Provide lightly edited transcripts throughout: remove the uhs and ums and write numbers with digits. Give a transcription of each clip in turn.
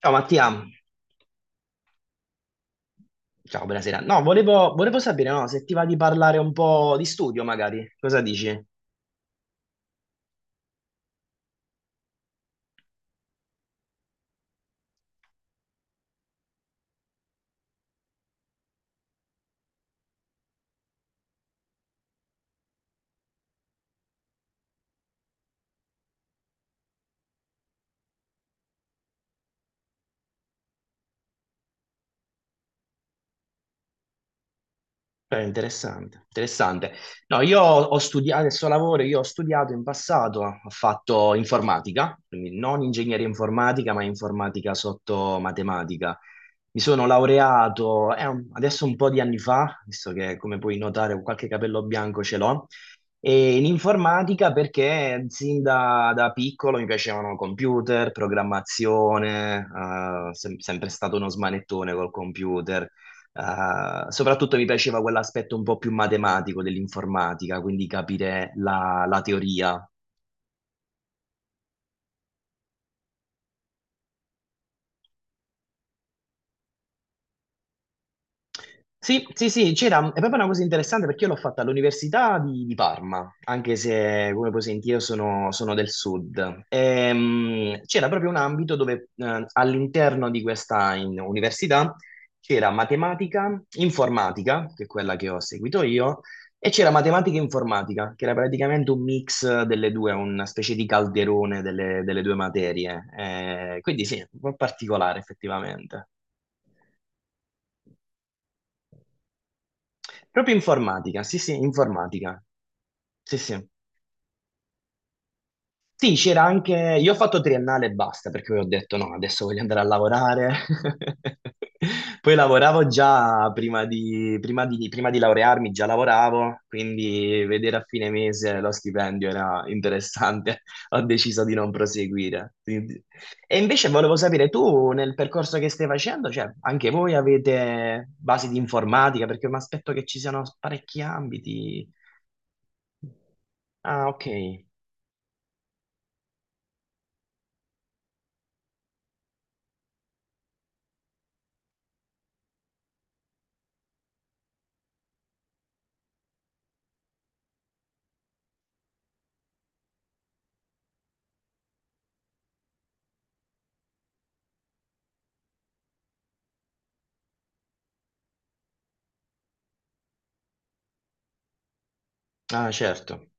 Ciao Mattia, ciao, buonasera. No, volevo sapere, no, se ti va di parlare un po' di studio, magari. Cosa dici? Interessante, interessante. No, io ho studiato, adesso lavoro, io ho studiato in passato, ho fatto informatica, quindi non ingegneria informatica, ma informatica sotto matematica. Mi sono laureato adesso un po' di anni fa, visto che, come puoi notare, qualche capello bianco ce l'ho, e in informatica perché sin da piccolo mi piacevano computer, programmazione, sempre stato uno smanettone col computer. Soprattutto mi piaceva quell'aspetto un po' più matematico dell'informatica, quindi capire la teoria. Sì, sì, sì, c'era, è proprio una cosa interessante perché io l'ho fatta all'Università di Parma, anche se, come puoi sentire, io sono del sud. C'era proprio un ambito dove all'interno di questa università c'era matematica, informatica, che è quella che ho seguito io, e c'era matematica e informatica, che era praticamente un mix delle due, una specie di calderone delle due materie. Quindi sì, un po' particolare effettivamente. Proprio informatica, sì, sì, informatica. Sì, sì. Sì, c'era anche... Io ho fatto triennale e basta, perché poi ho detto no, adesso voglio andare a lavorare. Poi lavoravo già prima di laurearmi, già lavoravo, quindi vedere a fine mese lo stipendio era interessante. Ho deciso di non proseguire. Quindi- E invece volevo sapere, tu nel percorso che stai facendo, cioè anche voi avete basi di informatica, perché mi aspetto che ci siano parecchi ambiti. Ah, ok. Ah, certo.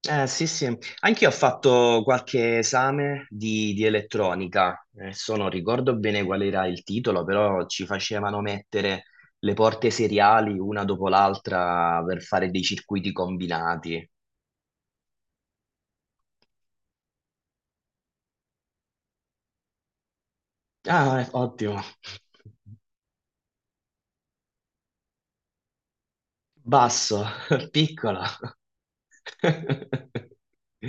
Sì, sì. Anch'io ho fatto qualche esame di elettronica. Adesso non ricordo bene qual era il titolo, però ci facevano mettere le porte seriali una dopo l'altra per fare dei circuiti combinati. Ah, ottimo. Basso, piccolo.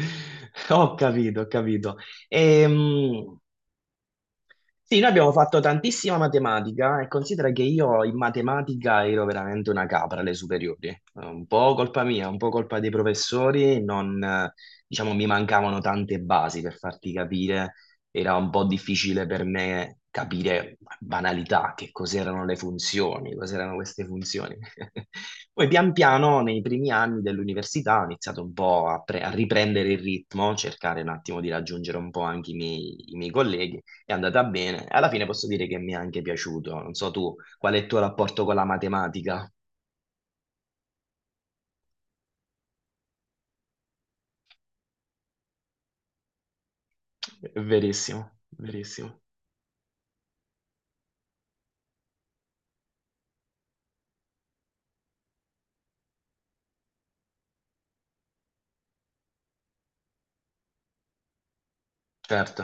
Ho capito, ho capito. Ehm, Sì, noi abbiamo fatto tantissima matematica e considera che io in matematica ero veramente una capra alle superiori. Un po' colpa mia, un po' colpa dei professori, non, diciamo, mi mancavano tante basi per farti capire. Era un po' difficile per me capire banalità, che cos'erano le funzioni, cos'erano queste funzioni. Poi pian piano, nei primi anni dell'università, ho iniziato un po' a riprendere il ritmo, cercare un attimo di raggiungere un po' anche i miei colleghi. È andata bene. Alla fine posso dire che mi è anche piaciuto. Non so tu, qual è il tuo rapporto con la matematica? Verissimo, verissimo. Certo,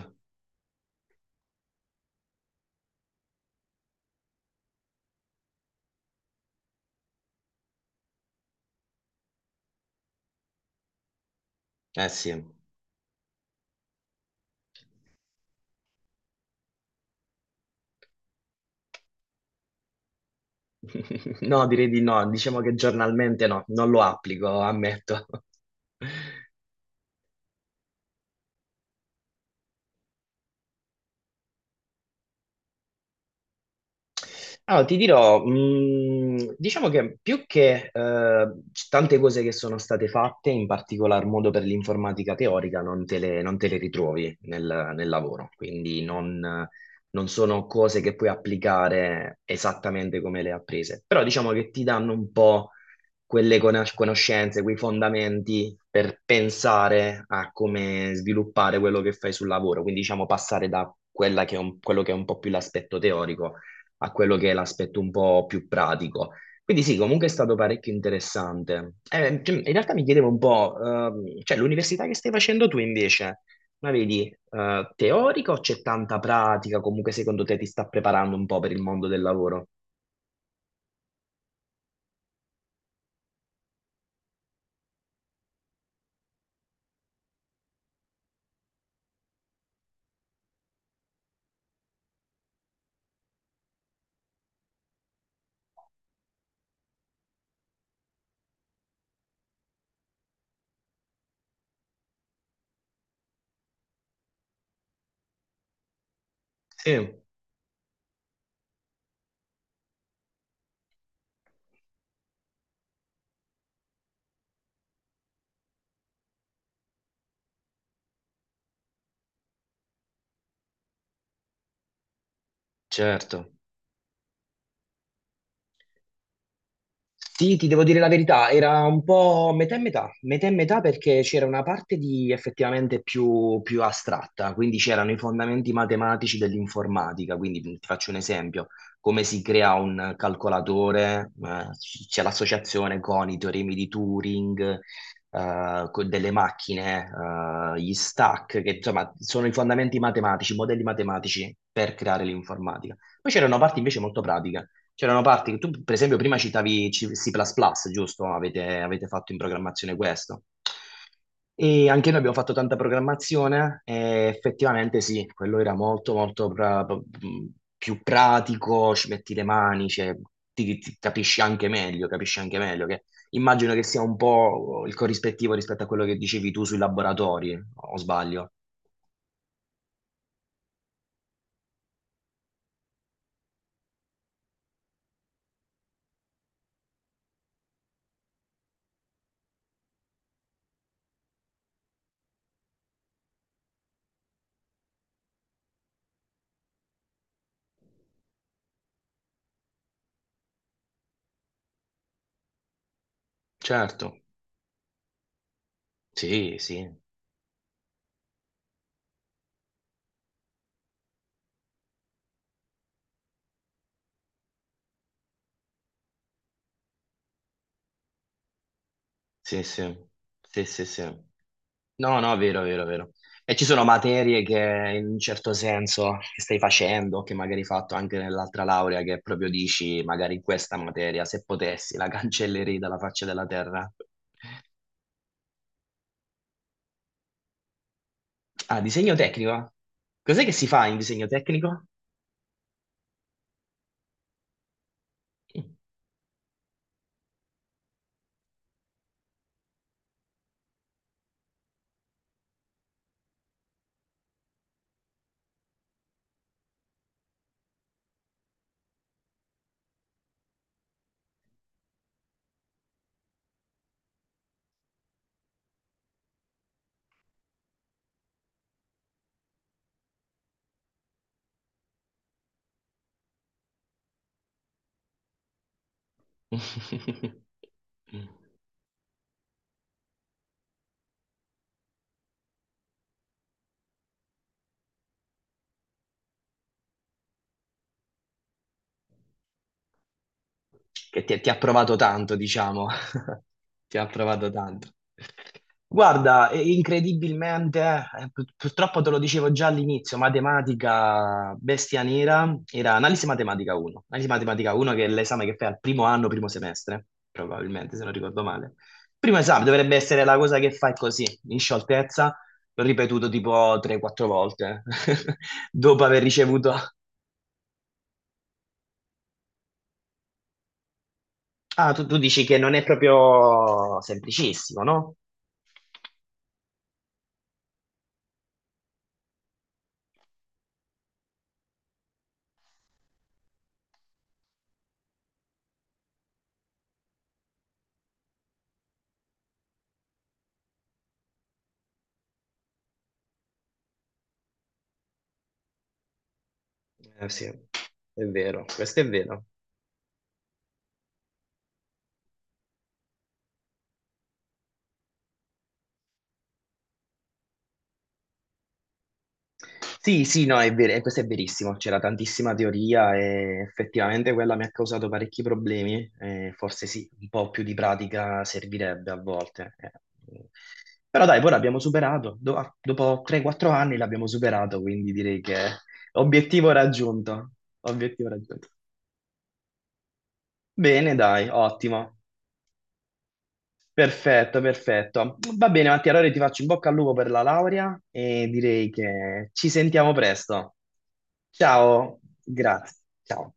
eh sì. No, direi di no. Diciamo che giornalmente no, non lo applico, ammetto. Ah, ti dirò, diciamo che più che tante cose che sono state fatte, in particolar modo per l'informatica teorica, non non te le ritrovi nel lavoro, quindi non, non sono cose che puoi applicare esattamente come le hai apprese, però diciamo che ti danno un po' quelle conoscenze, quei fondamenti per pensare a come sviluppare quello che fai sul lavoro, quindi diciamo passare da quella che è quello che è un po' più l'aspetto teorico a quello che è l'aspetto un po' più pratico. Quindi sì, comunque è stato parecchio interessante. Cioè, in realtà mi chiedevo un po', cioè l'università che stai facendo tu invece, ma vedi, teorica o c'è tanta pratica? Comunque secondo te ti sta preparando un po' per il mondo del lavoro? Sì, certo. Sì, ti devo dire la verità, era un po' metà e metà perché c'era una parte di effettivamente più astratta, quindi c'erano i fondamenti matematici dell'informatica, quindi ti faccio un esempio, come si crea un calcolatore, c'è l'associazione con i teoremi di Turing, con delle macchine, gli stack, che insomma sono i fondamenti matematici, i modelli matematici per creare l'informatica. Poi c'era una parte invece molto pratica. C'erano parti, tu per esempio prima citavi C++, giusto? Avete fatto in programmazione questo. E anche noi abbiamo fatto tanta programmazione e effettivamente sì, quello era molto molto più pratico, ci metti le mani, cioè, ti capisci anche meglio che immagino che sia un po' il corrispettivo rispetto a quello che dicevi tu sui laboratori, o sbaglio? Certo, sì, sì, sì, sì, sì, sì, sì. No, no, vero, vero, vero. E ci sono materie che, in un certo senso, che stai facendo, che magari hai fatto anche nell'altra laurea, che proprio dici, magari in questa materia, se potessi, la cancellerei dalla faccia della terra. Ah, disegno tecnico? Cos'è che si fa in disegno tecnico? Mm. Che ti ha provato tanto, diciamo. Ti ha provato tanto. Guarda, incredibilmente, purtroppo te lo dicevo già all'inizio, matematica bestia nera era analisi matematica 1. Analisi matematica 1 che è l'esame che fai al primo anno, primo semestre, probabilmente, se non ricordo male. Primo esame dovrebbe essere la cosa che fai così, in scioltezza, l'ho ripetuto tipo 3-4 volte, dopo aver ricevuto... Ah, tu dici che non è proprio semplicissimo, no? Sì, è vero, questo è vero. Sì, sì, no, è vero, e questo è verissimo, c'era tantissima teoria e effettivamente quella mi ha causato parecchi problemi, forse sì, un po' più di pratica servirebbe a volte. Eh. Però dai, poi l'abbiamo superato, dopo 3-4 anni l'abbiamo superato, quindi direi che obiettivo raggiunto, obiettivo raggiunto. Bene, dai, ottimo. Perfetto, perfetto. Va bene, Mattia, allora ti faccio in bocca al lupo per la laurea e direi che ci sentiamo presto. Ciao, grazie. Ciao.